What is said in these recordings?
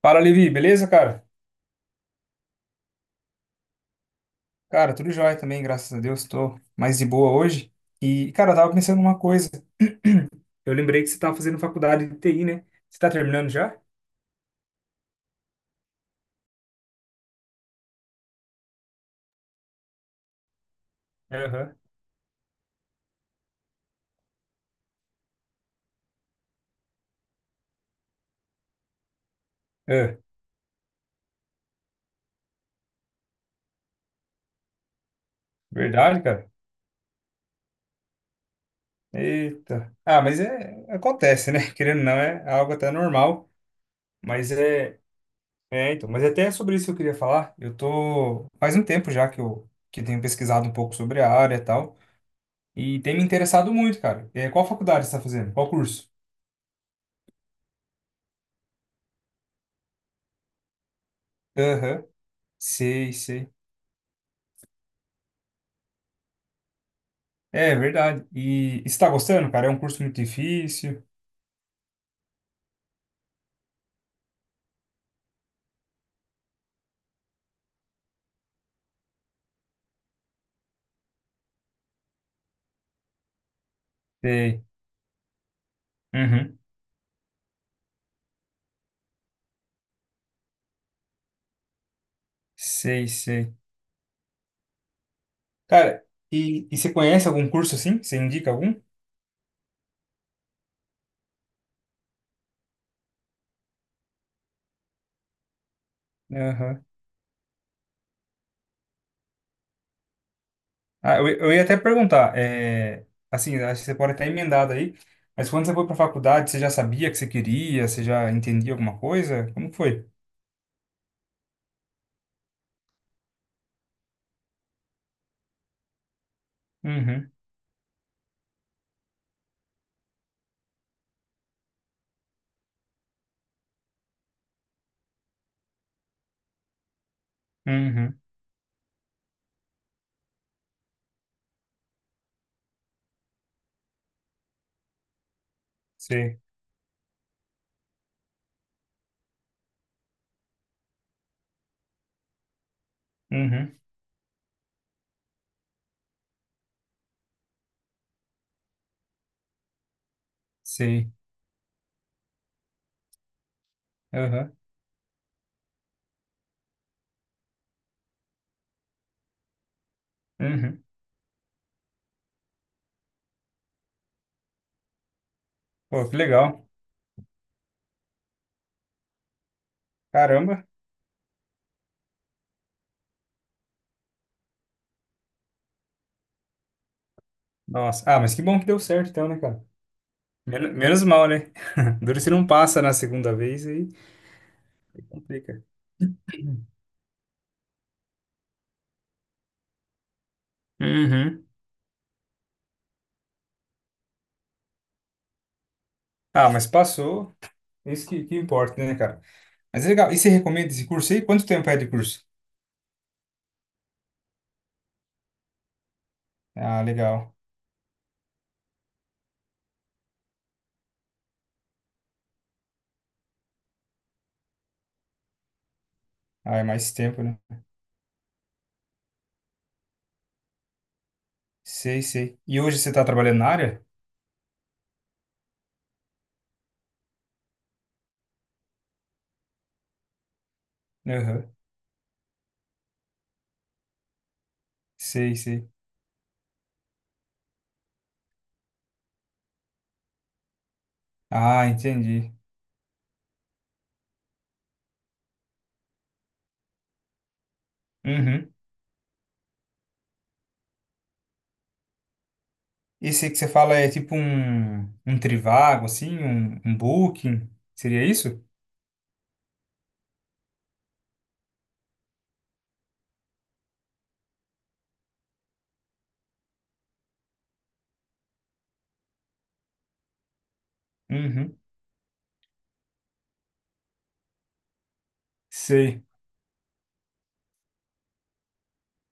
Fala, Levi, beleza, cara? Cara, tudo jóia também, graças a Deus, tô mais de boa hoje. E, cara, eu tava pensando numa coisa. Eu lembrei que você tava fazendo faculdade de TI, né? Você tá terminando já? Aham. É, verdade, cara? Eita. Ah, mas é, acontece, né? Querendo ou não, é algo até normal. Mas é, então, mas é até sobre isso que eu queria falar. Eu tô, faz um tempo já que eu tenho pesquisado um pouco sobre a área e tal. E tem me interessado muito, cara. É, qual faculdade você tá fazendo? Qual curso? Aham. Sei, sei. É verdade. E está gostando, cara? É um curso muito difícil. Sei. Uhum. Sei, sei. Cara, e você conhece algum curso assim? Você indica algum? Aham. Ah, eu ia até perguntar, é, assim, acho que você pode até emendar aí, mas quando você foi para faculdade, você já sabia que você queria? Você já entendia alguma coisa? Como que foi? Uhum, uhum, sei, uhum, sei, aham, uhum. Pô, que legal. Caramba. Nossa. Ah, mas que bom que deu certo então, né, cara? Menos mal, né? Duro se não passa na segunda vez aí complica. Uhum. Ah, mas passou. Isso que importa, né, cara? Mas é legal. E você recomenda esse curso aí? Quanto tempo é de curso? Ah, legal. Ah, é mais tempo, né? Sei, sei. E hoje você tá trabalhando na área? Aham. Sei, sei. Ah, entendi. Uhum. Esse aí que você fala é tipo um, um Trivago, assim, um Booking? Seria isso? Uhum. Sei.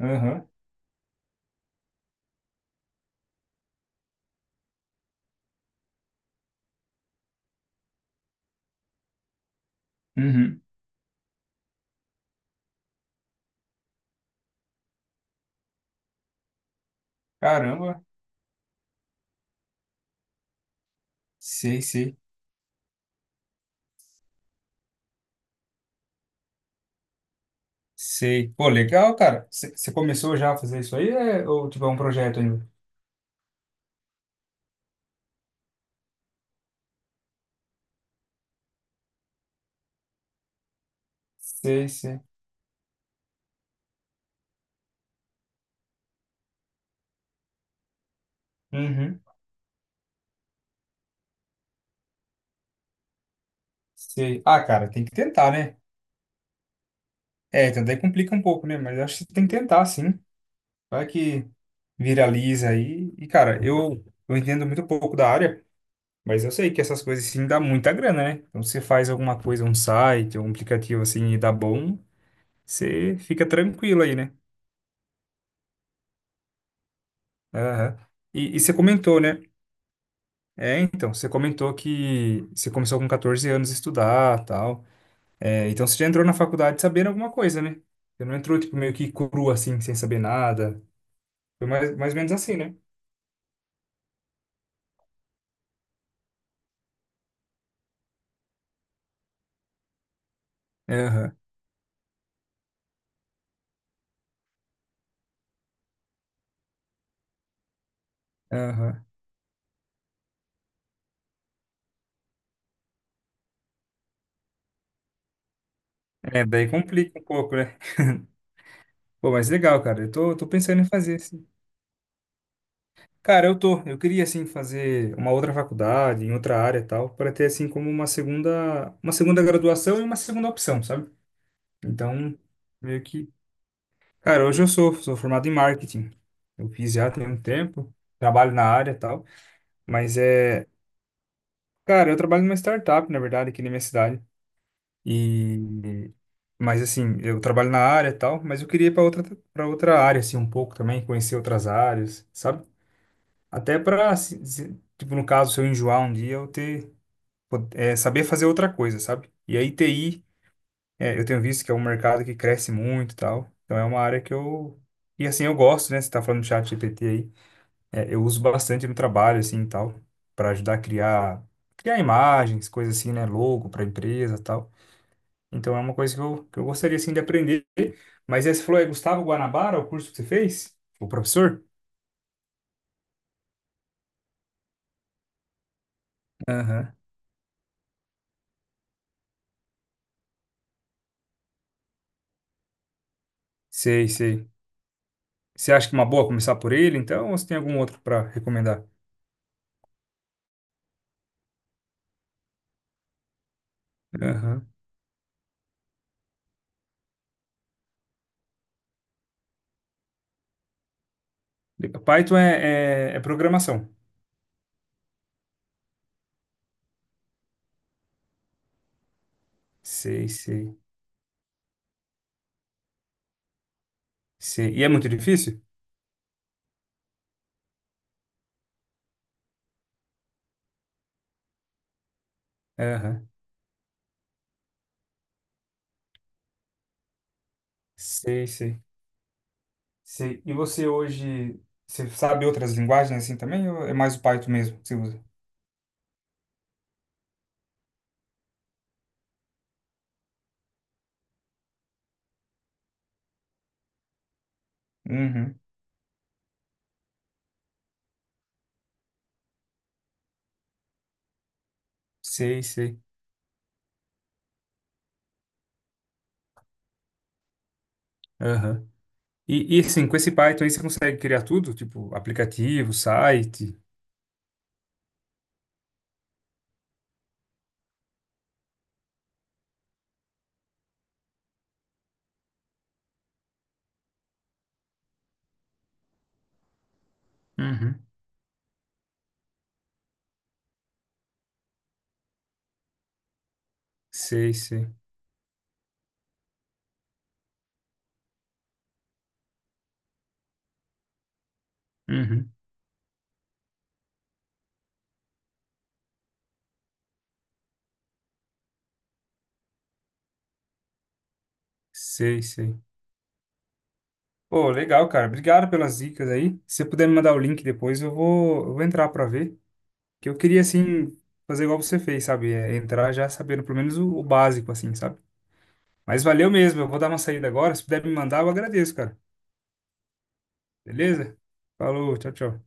Aham. Uhum. Caramba. Sei, sei. Sei. Pô, legal, cara. Você começou já a fazer isso aí, é, ou tipo, é um projeto ainda? Sei, sei. Uhum. Sei. Ah, cara, tem que tentar, né? É, então daí complica um pouco, né? Mas acho que você tem que tentar, sim. Vai que viraliza aí. E, cara, eu entendo muito pouco da área, mas eu sei que essas coisas, assim, dá muita grana, né? Então, se você faz alguma coisa, um site, um aplicativo, assim, e dá bom, você fica tranquilo aí, né? Aham. E você comentou, né? É, então, você comentou que você começou com 14 anos a estudar, tal. É, então você já entrou na faculdade sabendo alguma coisa, né? Você não entrou, tipo, meio que cru, assim, sem saber nada. Foi mais ou menos assim, né? Aham, aham. É, daí complica um pouco, né? Pô, mas legal, cara. Eu tô pensando em fazer, assim. Cara, eu tô. Eu queria, assim, fazer uma outra faculdade, em outra área e tal, para ter, assim, como uma segunda graduação e uma segunda opção, sabe? Então, meio que cara, hoje eu sou formado em marketing. Eu fiz já tem um tempo, trabalho na área e tal, mas é, cara, eu trabalho numa startup, na verdade, aqui na minha cidade. E mas assim, eu trabalho na área e tal, mas eu queria ir para outra área assim um pouco também, conhecer outras áreas, sabe? Até para tipo no caso, se eu enjoar um dia, eu ter po- é, saber fazer outra coisa, sabe? E aí TI, é, eu tenho visto que é um mercado que cresce muito e tal. Então é uma área que eu e assim, eu gosto, né? Você tá falando do chat GPT aí. É, eu uso bastante no trabalho, assim, e tal, para ajudar a criar, criar imagens, coisas assim, né, logo para empresa, e tal. Então é uma coisa que eu gostaria, assim, de aprender. Mas aí você falou, é Gustavo Guanabara, o curso que você fez? O professor? Aham. Sei, sei. Você acha que é uma boa começar por ele, então, ou você tem algum outro para recomendar? Aham. Python é programação. Sei, sei, sei. E é muito difícil? Aham. Sei, sei. Sei. E você hoje, você sabe outras linguagens assim também? Ou é mais o Python mesmo que você usa? Uhum. Sei, sei. Aham. E assim, com esse Python aí você consegue criar tudo? Tipo, aplicativo, site? Uhum. Sei, sei. Uhum. Sei, sei. Pô, legal, cara. Obrigado pelas dicas aí. Se você puder me mandar o link depois, eu vou entrar pra ver. Que eu queria, assim, fazer igual você fez, sabe? É, entrar já sabendo pelo menos o básico, assim, sabe? Mas valeu mesmo. Eu vou dar uma saída agora. Se puder me mandar, eu agradeço, cara. Beleza? Falou, tchau, tchau.